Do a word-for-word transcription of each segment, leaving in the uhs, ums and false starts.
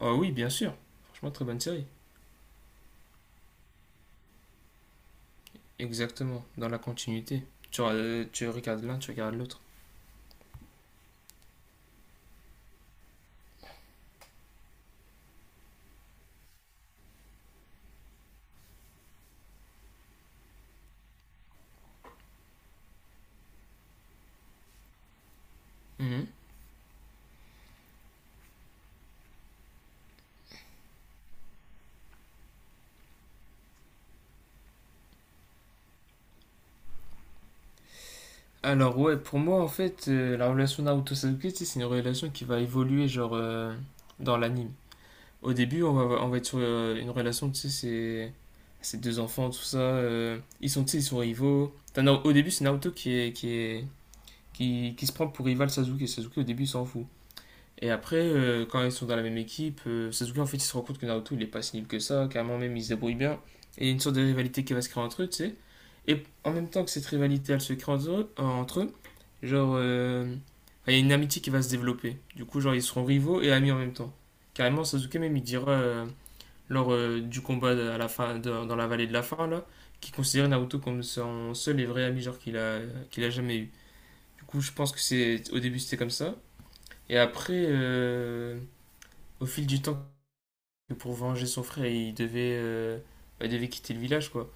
Oh oui, bien sûr. Franchement, très bonne série. Exactement, dans la continuité. Tu, re- tu regardes l'un, tu regardes l'autre. Mhm. Alors ouais, pour moi, en fait, euh, la relation Naruto-Sasuke, tu sais, c'est une relation qui va évoluer, genre, euh, dans l'anime. Au début, on va, on va être sur euh, une relation, tu sais, c'est. Ces deux enfants, tout ça, euh, ils sont, tu sais, ils sont rivaux. T'as non, au début, c'est Naruto qui est, qui est, qui, qui se prend pour rival Sasuke. Sasuke, au début, il s'en fout. Et après, euh, quand ils sont dans la même équipe, euh, Sasuke en fait il se rend compte que Naruto il est pas si nul que ça, carrément même il se débrouille bien. Et il y a une sorte de rivalité qui va se créer entre eux, tu sais. Et en même temps que cette rivalité elle se crée entre eux, euh, entre eux, genre euh, enfin, il y a une amitié qui va se développer. Du coup, genre ils seront rivaux et amis en même temps. Carrément, Sasuke même il dira euh, lors euh, du combat de- à la fin, dans dans la vallée de la fin là, qu'il considérait Naruto comme son seul et vrai ami genre qu'il a, qu'il a jamais eu. Du coup, je pense que c'est au début c'était comme ça. Et après, euh, au fil du temps que pour venger son frère, il devait, euh, bah, il devait quitter le village, quoi.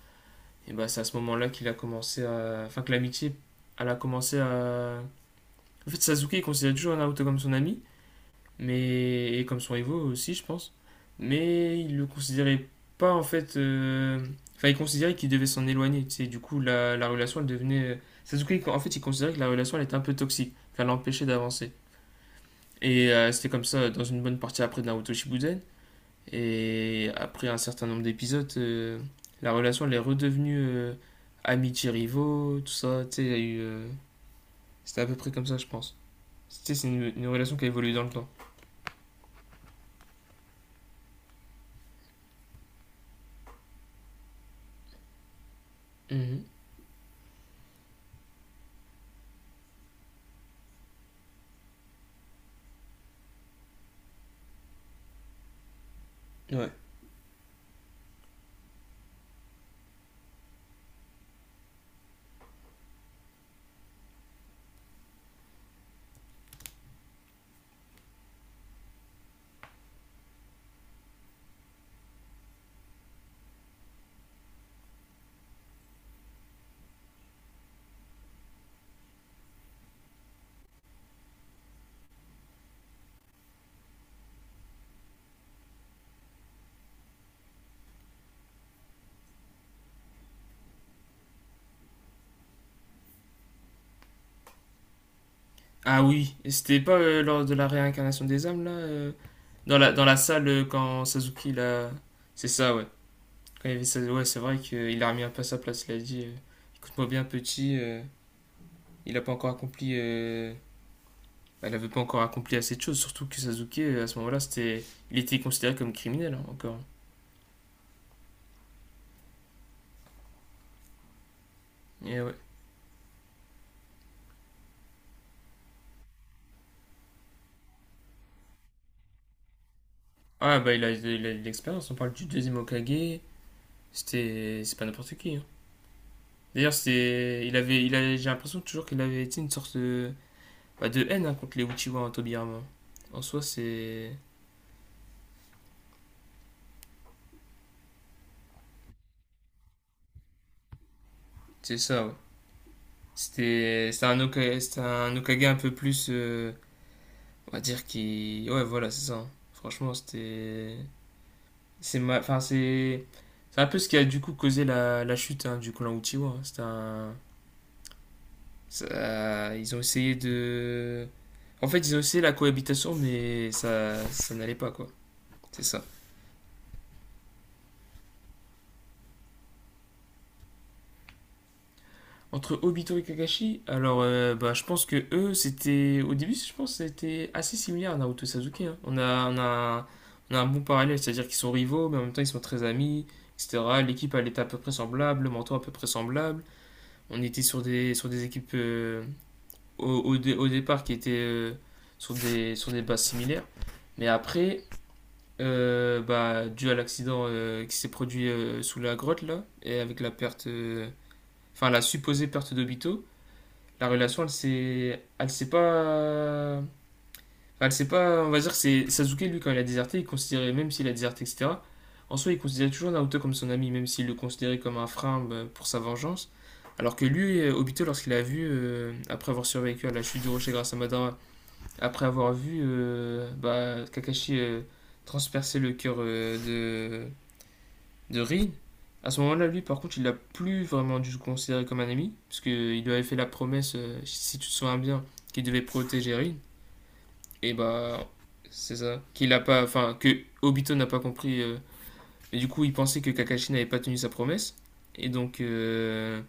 Et bah, c'est à ce moment-là qu'il a commencé à. Enfin, que l'amitié, elle a commencé à. En fait, Sasuke, il considère toujours Naruto comme son ami, mais. Et comme son Evo aussi, je pense. Mais il le considérait pas, en fait. euh, Enfin, il considérait qu'il devait s'en éloigner, tu sais. Du coup, la, la relation, elle devenait. Sasuke, en fait, il considérait que la relation, elle était un peu toxique, qu'elle l'empêchait d'avancer. Et euh, c'était comme ça dans une bonne partie après de Naruto Shippuden. Et après un certain nombre d'épisodes, euh, la relation elle est redevenue euh, amitié-rivaux, tout ça. Tu sais, il y a eu. euh, C'était à peu près comme ça, je pense. Tu sais, c'est une, une relation qui a évolué dans le temps. Mmh. Ouais. Ah oui, et c'était pas euh, lors de la réincarnation des âmes, là euh, dans, la, dans la salle, euh, quand Sasuke, là. C'est ça, ouais. Quand il y avait Sas- ouais, c'est vrai qu'il a remis un peu à sa place. Il a dit euh, écoute-moi bien, petit, euh, il a pas encore accompli euh, elle n'avait pas encore accompli assez de choses, surtout que Sasuke, à ce moment-là, c'était, il était considéré comme criminel hein, encore. Et ouais. Ah bah il a, il a de l'expérience, on parle du deuxième Hokage, c'était, c'est pas n'importe qui, hein. D'ailleurs, c'était, il avait, il a- j'ai l'impression toujours qu'il avait été une sorte de, bah, de haine hein, contre les Uchiwa en Tobirama. En soi, c'est, c'est ça. Ouais. C'était, c'était un Hokage, c'était un Hokage un peu plus, euh, on va dire qui, ouais voilà, c'est ça, hein. Franchement, c'était, c'est ma- enfin, c'est c'est un peu ce qui a du coup causé la, la chute hein, du clan Uchiwa, hein. C'est un- ça- ils ont essayé de. En fait, ils ont essayé la cohabitation, mais ça, ça n'allait pas quoi. C'est ça. Entre Obito et Kakashi, alors euh, bah, je pense que eux, c'était. Au début, je pense que c'était assez similaire à Naruto et Sasuke, hein. On a, on a, on a un bon parallèle, c'est-à-dire qu'ils sont rivaux, mais en même temps ils sont très amis, et cetera. L'équipe, elle était à peu près semblable, le mentor à peu près semblable. On était sur des, sur des équipes. euh, au, au, dé- au départ qui étaient euh, sur, des, sur des bases similaires. Mais après, euh, bah, dû à l'accident euh, qui s'est produit euh, sous la grotte, là, et avec la perte, euh, enfin la supposée perte d'Obito, la relation, elle s'est, elle s'est pas, enfin, elle s'est pas, on va dire que c'est Sasuke lui quand il a déserté, il considérait même s'il a déserté, et cetera. En soi, il considérait toujours Naruto comme son ami, même s'il le considérait comme un frein bah, pour sa vengeance. Alors que lui, euh, Obito, lorsqu'il a vu, euh, après avoir survécu à la chute du rocher grâce à Madara, après avoir vu euh, bah, Kakashi euh, transpercer le cœur euh, de, de Rin, à ce moment-là, lui, par contre, il l'a plus vraiment dû se considérer comme un ami, parce qu'il lui avait fait la promesse, euh, si tu te souviens bien, qu'il devait protéger Rin, et bah, c'est ça, qu'il a pas, enfin, que Obito n'a pas compris, euh, et du coup, il pensait que Kakashi n'avait pas tenu sa promesse, et donc, euh,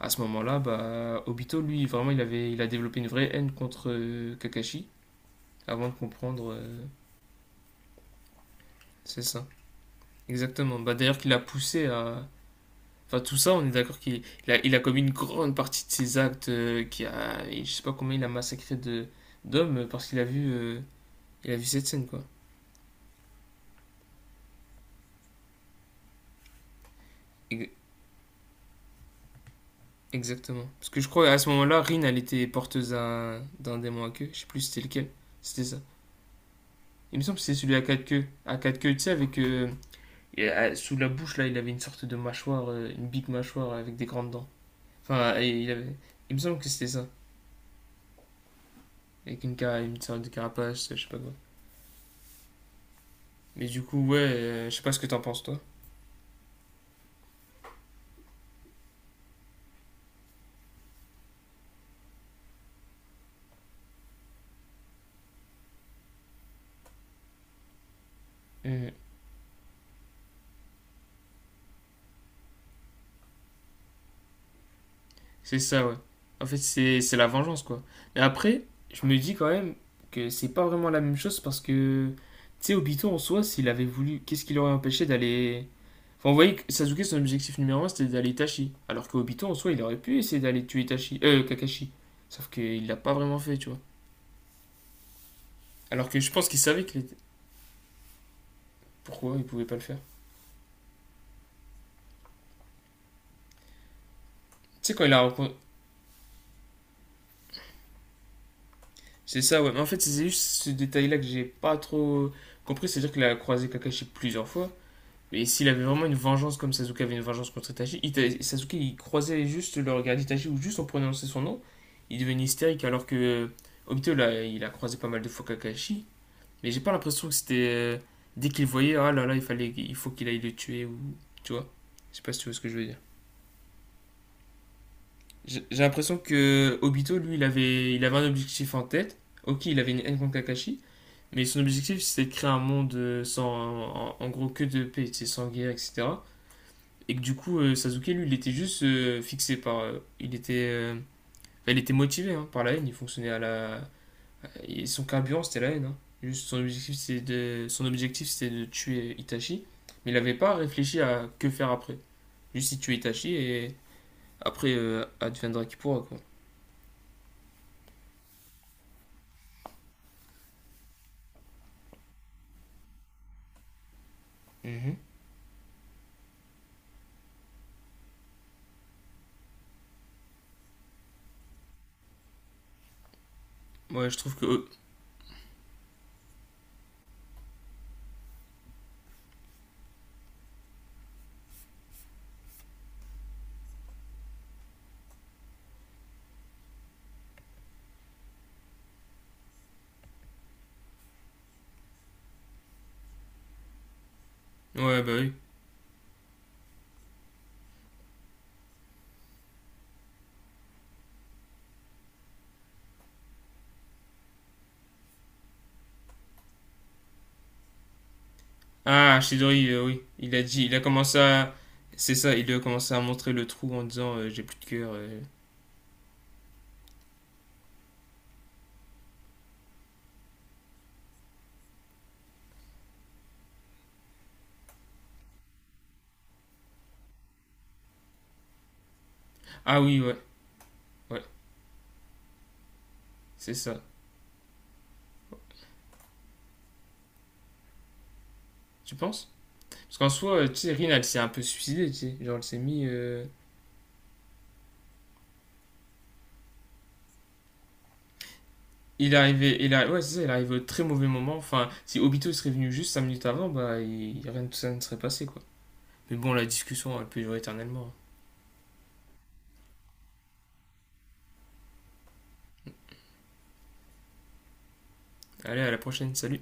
à ce moment-là, bah, Obito, lui, vraiment, il avait, il a développé une vraie haine contre euh, Kakashi, avant de comprendre, euh, c'est ça. Exactement. Bah, d'ailleurs, qu'il a poussé à. Enfin, tout ça, on est d'accord qu'il il a, il a commis une grande partie de ses actes, euh, qui a, et je sais pas combien il a massacré de d'hommes euh, parce qu'il a vu, euh, il a vu cette scène, quoi. Ex- Exactement. Parce que je crois à ce moment-là, Rin, elle était porteuse d'un d'un démon à queue. Je sais plus si c'était lequel. C'était ça. Il me semble que c'était celui à quatre queues. À quatre queues, tu sais, avec euh, et, euh, sous la bouche là, il avait une sorte de mâchoire, euh, une big mâchoire avec des grandes dents. Enfin, et il avait. Il me semble que c'était ça, avec une, cara- une sorte de carapace, je sais pas quoi. Mais du coup, ouais, euh, je sais pas ce que t'en penses, toi. Euh, c'est ça, ouais. En fait, c'est c'est la vengeance, quoi. Mais après, je me dis quand même que c'est pas vraiment la même chose parce que, tu sais, Obito en soi, s'il avait voulu, qu'est-ce qui l'aurait empêché d'aller. Enfin, vous voyez, que Sasuke, son objectif numéro un, c'était d'aller Itachi. Alors que Obito en soi, il aurait pu essayer d'aller tuer Itachi. Euh, Kakashi. Sauf qu'il l'a pas vraiment fait, tu vois. Alors que je pense qu'il savait que. Pourquoi il pouvait pas le faire? Tu sais, quand il a, rencon- c'est ça, ouais. Mais en fait, c'est juste ce détail-là que j'ai pas trop compris. C'est-à-dire qu'il a croisé Kakashi plusieurs fois. Et s'il avait vraiment une vengeance comme Sasuke avait une vengeance contre Itachi, Ita- Sasuke il croisait juste le regard d'Itachi ou juste en prononçant son nom, il devenait hystérique alors que euh, Obito là, il a croisé pas mal de fois Kakashi, mais j'ai pas l'impression que c'était euh, dès qu'il voyait ah là là il fallait il faut qu'il aille le tuer ou tu vois. Je sais pas si tu vois ce que je veux dire. J'ai j'ai l'impression que Obito lui il avait il avait un objectif en tête. Ok, il avait une haine contre Kakashi, mais son objectif, c'était de créer un monde euh, sans, en, en gros, que de paix, tu sais, sans guerre, et cetera. Et que du coup, euh, Sasuke, lui, il était juste euh, fixé par. euh, il était. euh, enfin, il était motivé hein, par la haine, il fonctionnait à la. Et son carburant, c'était la haine, hein. Juste, son objectif, c'était de, son objectif, c'était de tuer Itachi. Mais il n'avait pas réfléchi à que faire après. Juste, il tuait Itachi et après, euh, adviendra qui pourra, quoi. Moi, je trouve que. euh, Ouais, bah oui. Ah, Shidori, euh, oui. Il a dit, il a commencé à. C'est ça, il a commencé à montrer le trou en disant euh, j'ai plus de cœur. euh. Ah oui, ouais, ouais, c'est ça. Tu penses? Parce qu'en soi, euh, tu sais, Rin, elle s'est un peu suicidée, tu sais. Genre, elle s'est mis. euh, Il est arrivé, il a. Ouais, c'est ça, il est arrivé au très mauvais moment. Enfin, si Obito serait venu juste cinq minutes avant, bah, il- rien de tout ça ne serait passé, quoi. Mais bon, la discussion, elle peut durer éternellement. Allez, à la prochaine, salut!